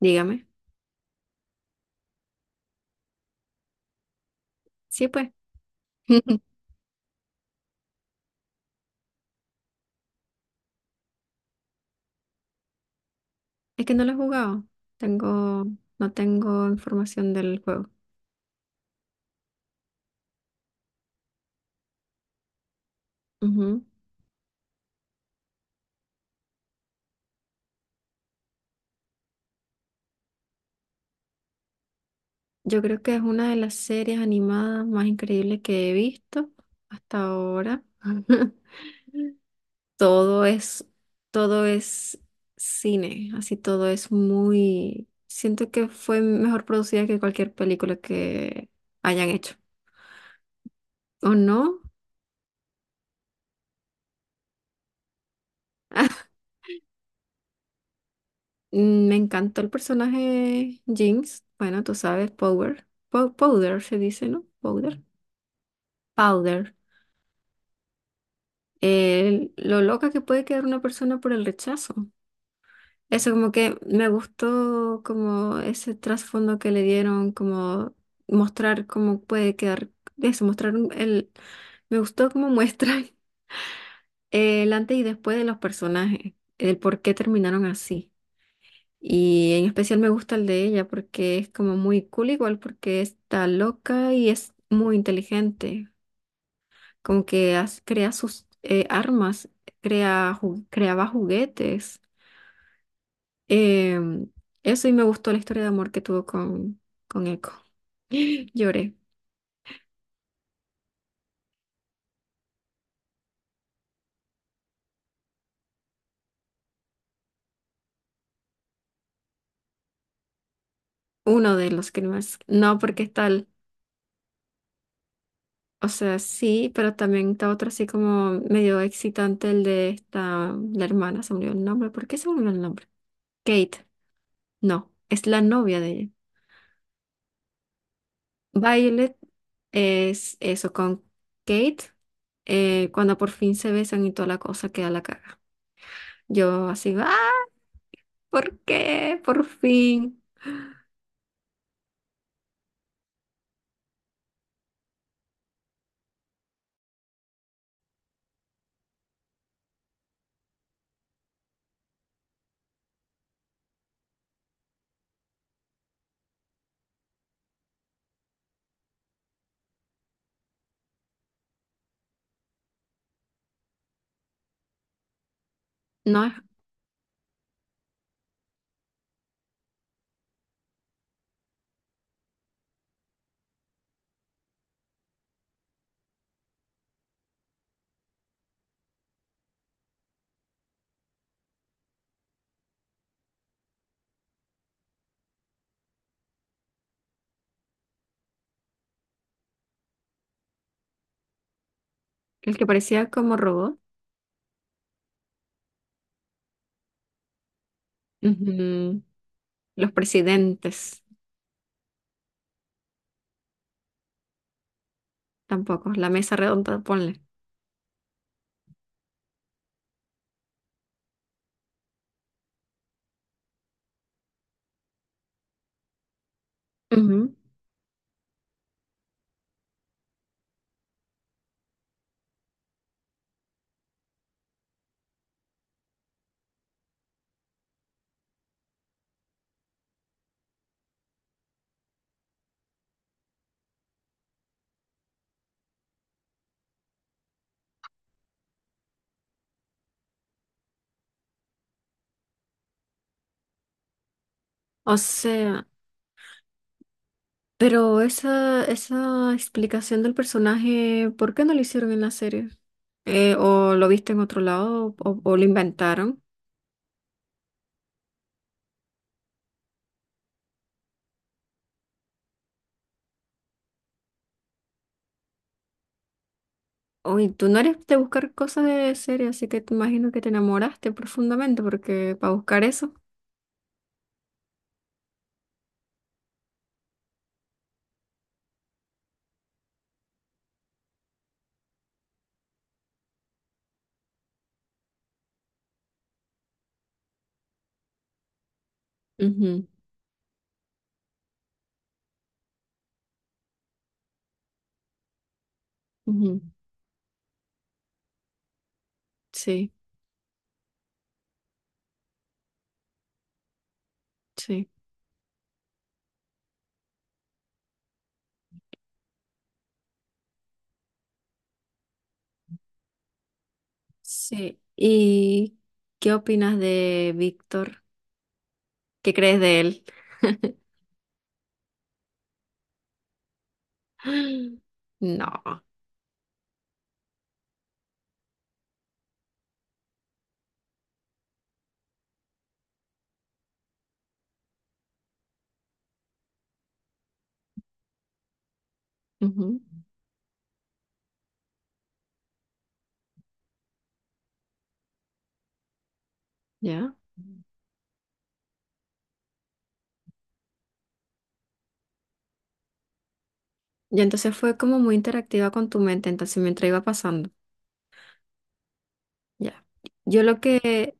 Dígame. Sí, pues. Es que no lo he jugado. Tengo, no tengo información del juego. Ujú. Yo creo que es una de las series animadas más increíbles que he visto hasta ahora. Todo es, Todo es cine, así todo es muy Siento que fue mejor producida que cualquier película que hayan hecho. ¿O no? Me encantó el personaje Jinx. Bueno, tú sabes, Power. Powder se dice, ¿no? Powder. Powder. Lo loca que puede quedar una persona por el rechazo. Eso como que me gustó como ese trasfondo que le dieron, como mostrar cómo puede quedar, eso, mostrar el Me gustó cómo muestran el antes y después de los personajes, el por qué terminaron así. Y en especial me gusta el de ella porque es como muy cool igual, porque está loca y es muy inteligente. Como que crea sus armas, creaba juguetes. Em, Eso y me gustó la historia de amor que tuvo con Echo. Lloré. Uno de los crímenes. No, porque está el- O sea, sí, pero también está otro así como medio excitante, el de esta, la hermana, se me olvidó el nombre. ¿Por qué se me olvidó el nombre? Kate. No, es la novia de ella. Violet es eso con Kate. Cuando por fin se besan y toda la cosa queda la caga. Yo así, ah, ¿por qué? Por fin. No, es el que parecía como robot. Ujú. Los presidentes tampoco. La mesa redonda, ponle. Ujú. O sea, pero esa explicación del personaje, ¿por qué no lo hicieron en la serie? ¿O lo viste en otro lado o lo inventaron? Uy, tú no eres de buscar cosas de serie, así que te imagino que te enamoraste profundamente, porque para buscar eso. Ujú, ujú. Sí, sí, sí. ¿Y qué opinas de Víctor? ¿Qué crees de él? No. Ujú. Ya. Y entonces fue como muy interactiva con tu mente, entonces mientras iba pasando. Ya. Yo lo que,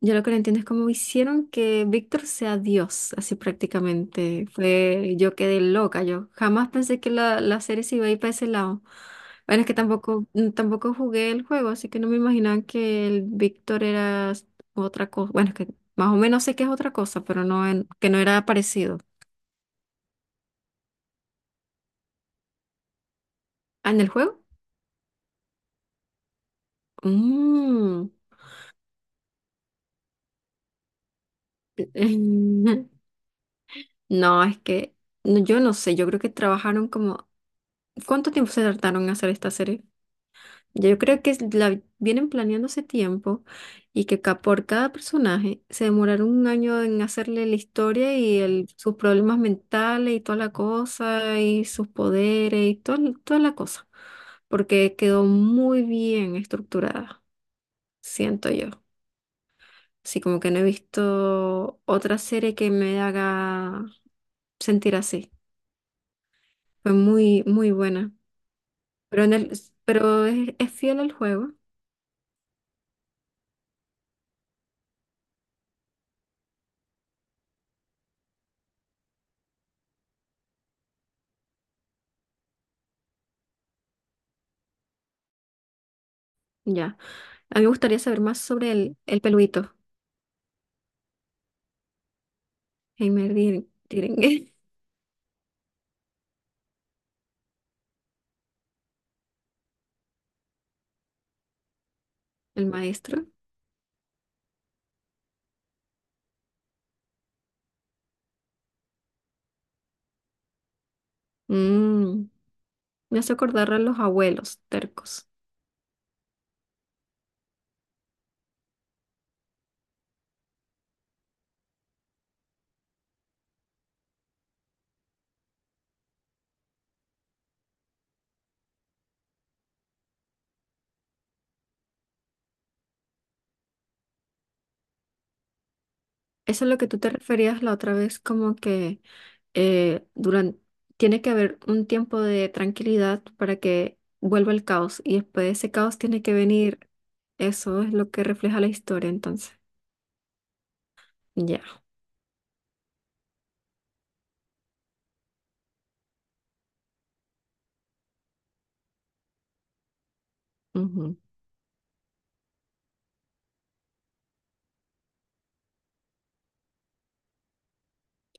yo lo que no entiendo es cómo hicieron que Víctor sea Dios, así prácticamente. Fue, yo quedé loca, yo jamás pensé que la serie se iba a ir para ese lado. Bueno, es que tampoco, tampoco jugué el juego, así que no me imaginaba que el Víctor era otra cosa. Bueno, es que más o menos sé que es otra cosa, pero que no era parecido. Ah, ¿en el juego? Mm. No, es que no, yo no sé, yo creo que trabajaron como ¿cuánto tiempo se tardaron en hacer esta serie? Yo creo que la vienen planeando hace tiempo y que por cada personaje se demoraron un año en hacerle la historia y sus problemas mentales y toda la cosa y sus poderes y toda la cosa. Porque quedó muy bien estructurada, siento yo. Así como que no he visto otra serie que me haga sentir así. Fue muy, muy buena. Pero, en el, pero es fiel al juego. Ya. A mí me gustaría saber más sobre el peludito, Direngue, el maestro. Mm, me hace acordar a los abuelos tercos. Eso es lo que tú te referías la otra vez, como que durante, tiene que haber un tiempo de tranquilidad para que vuelva el caos y después de ese caos tiene que venir. Eso es lo que refleja la historia, entonces. Ya, ujú.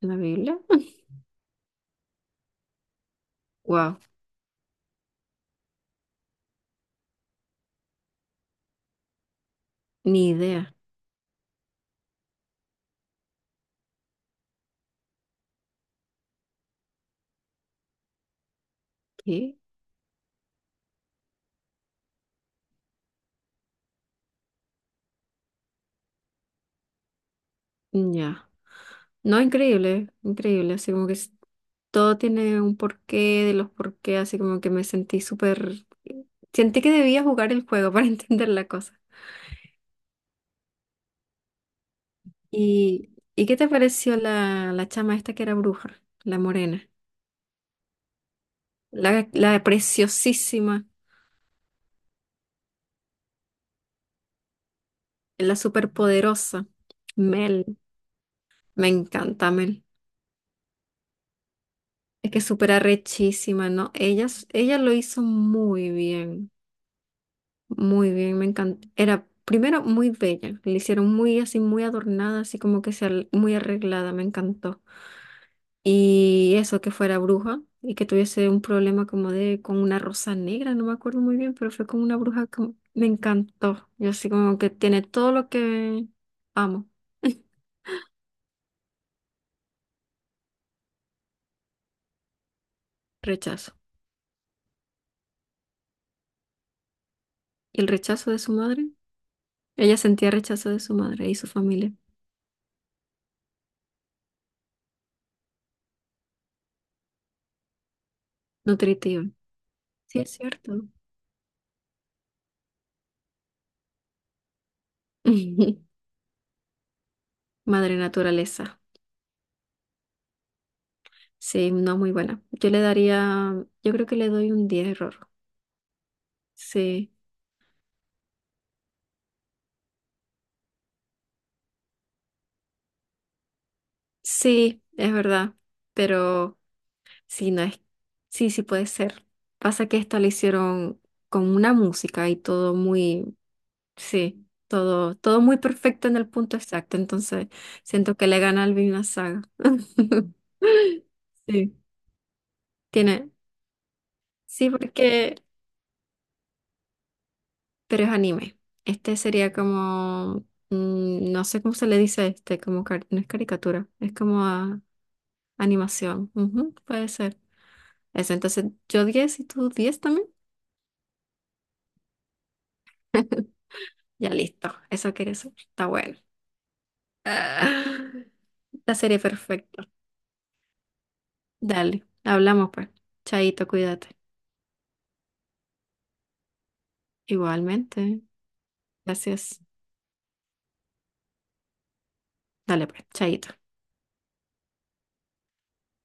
¿En la Biblia? Wow, ni idea. ¿Qué? Ya. No, increíble, increíble, así como que todo tiene un porqué, de los porqué, así como que me sentí súper Sentí que debía jugar el juego para entender la cosa. ¿Y, ¿Y qué te pareció la chama esta que era bruja, la morena? La preciosísima, la superpoderosa, Mel. Me encanta Mel. Es que es súper arrechísima, ¿no? Ella, ella lo hizo muy bien. Muy bien, me encantó. Era primero muy bella, le hicieron muy así, muy adornada, así como que sea muy arreglada, me encantó. Y eso, que fuera bruja y que tuviese un problema como de con una rosa negra, no me acuerdo muy bien, pero fue con una bruja que me encantó. Yo así como que tiene todo lo que amo. Rechazo. Y el rechazo de su madre, ella sentía rechazo de su madre y su familia nutritiva. Sí, es cierto. Madre naturaleza. Sí, no, muy buena. Yo creo que le doy un 10 error. Sí, sí, es verdad, pero sí, no es, sí, sí puede ser. Pasa que esta la hicieron con una música y todo muy, sí, todo, todo muy perfecto en el punto exacto, entonces siento que le gana al Vinland Saga. Sí, tiene, sí, porque pero es anime. Este sería como, mm, no sé cómo se le dice a este, como no es caricatura, es como ah, animación. Ujú, puede ser. Eso, entonces yo 10 y tú 10 también. Ya listo, eso quiere saber. Está bueno. Ah, la serie perfecta. Dale, hablamos pues. Chaito, cuídate. Igualmente. Gracias. Dale pues, chaito.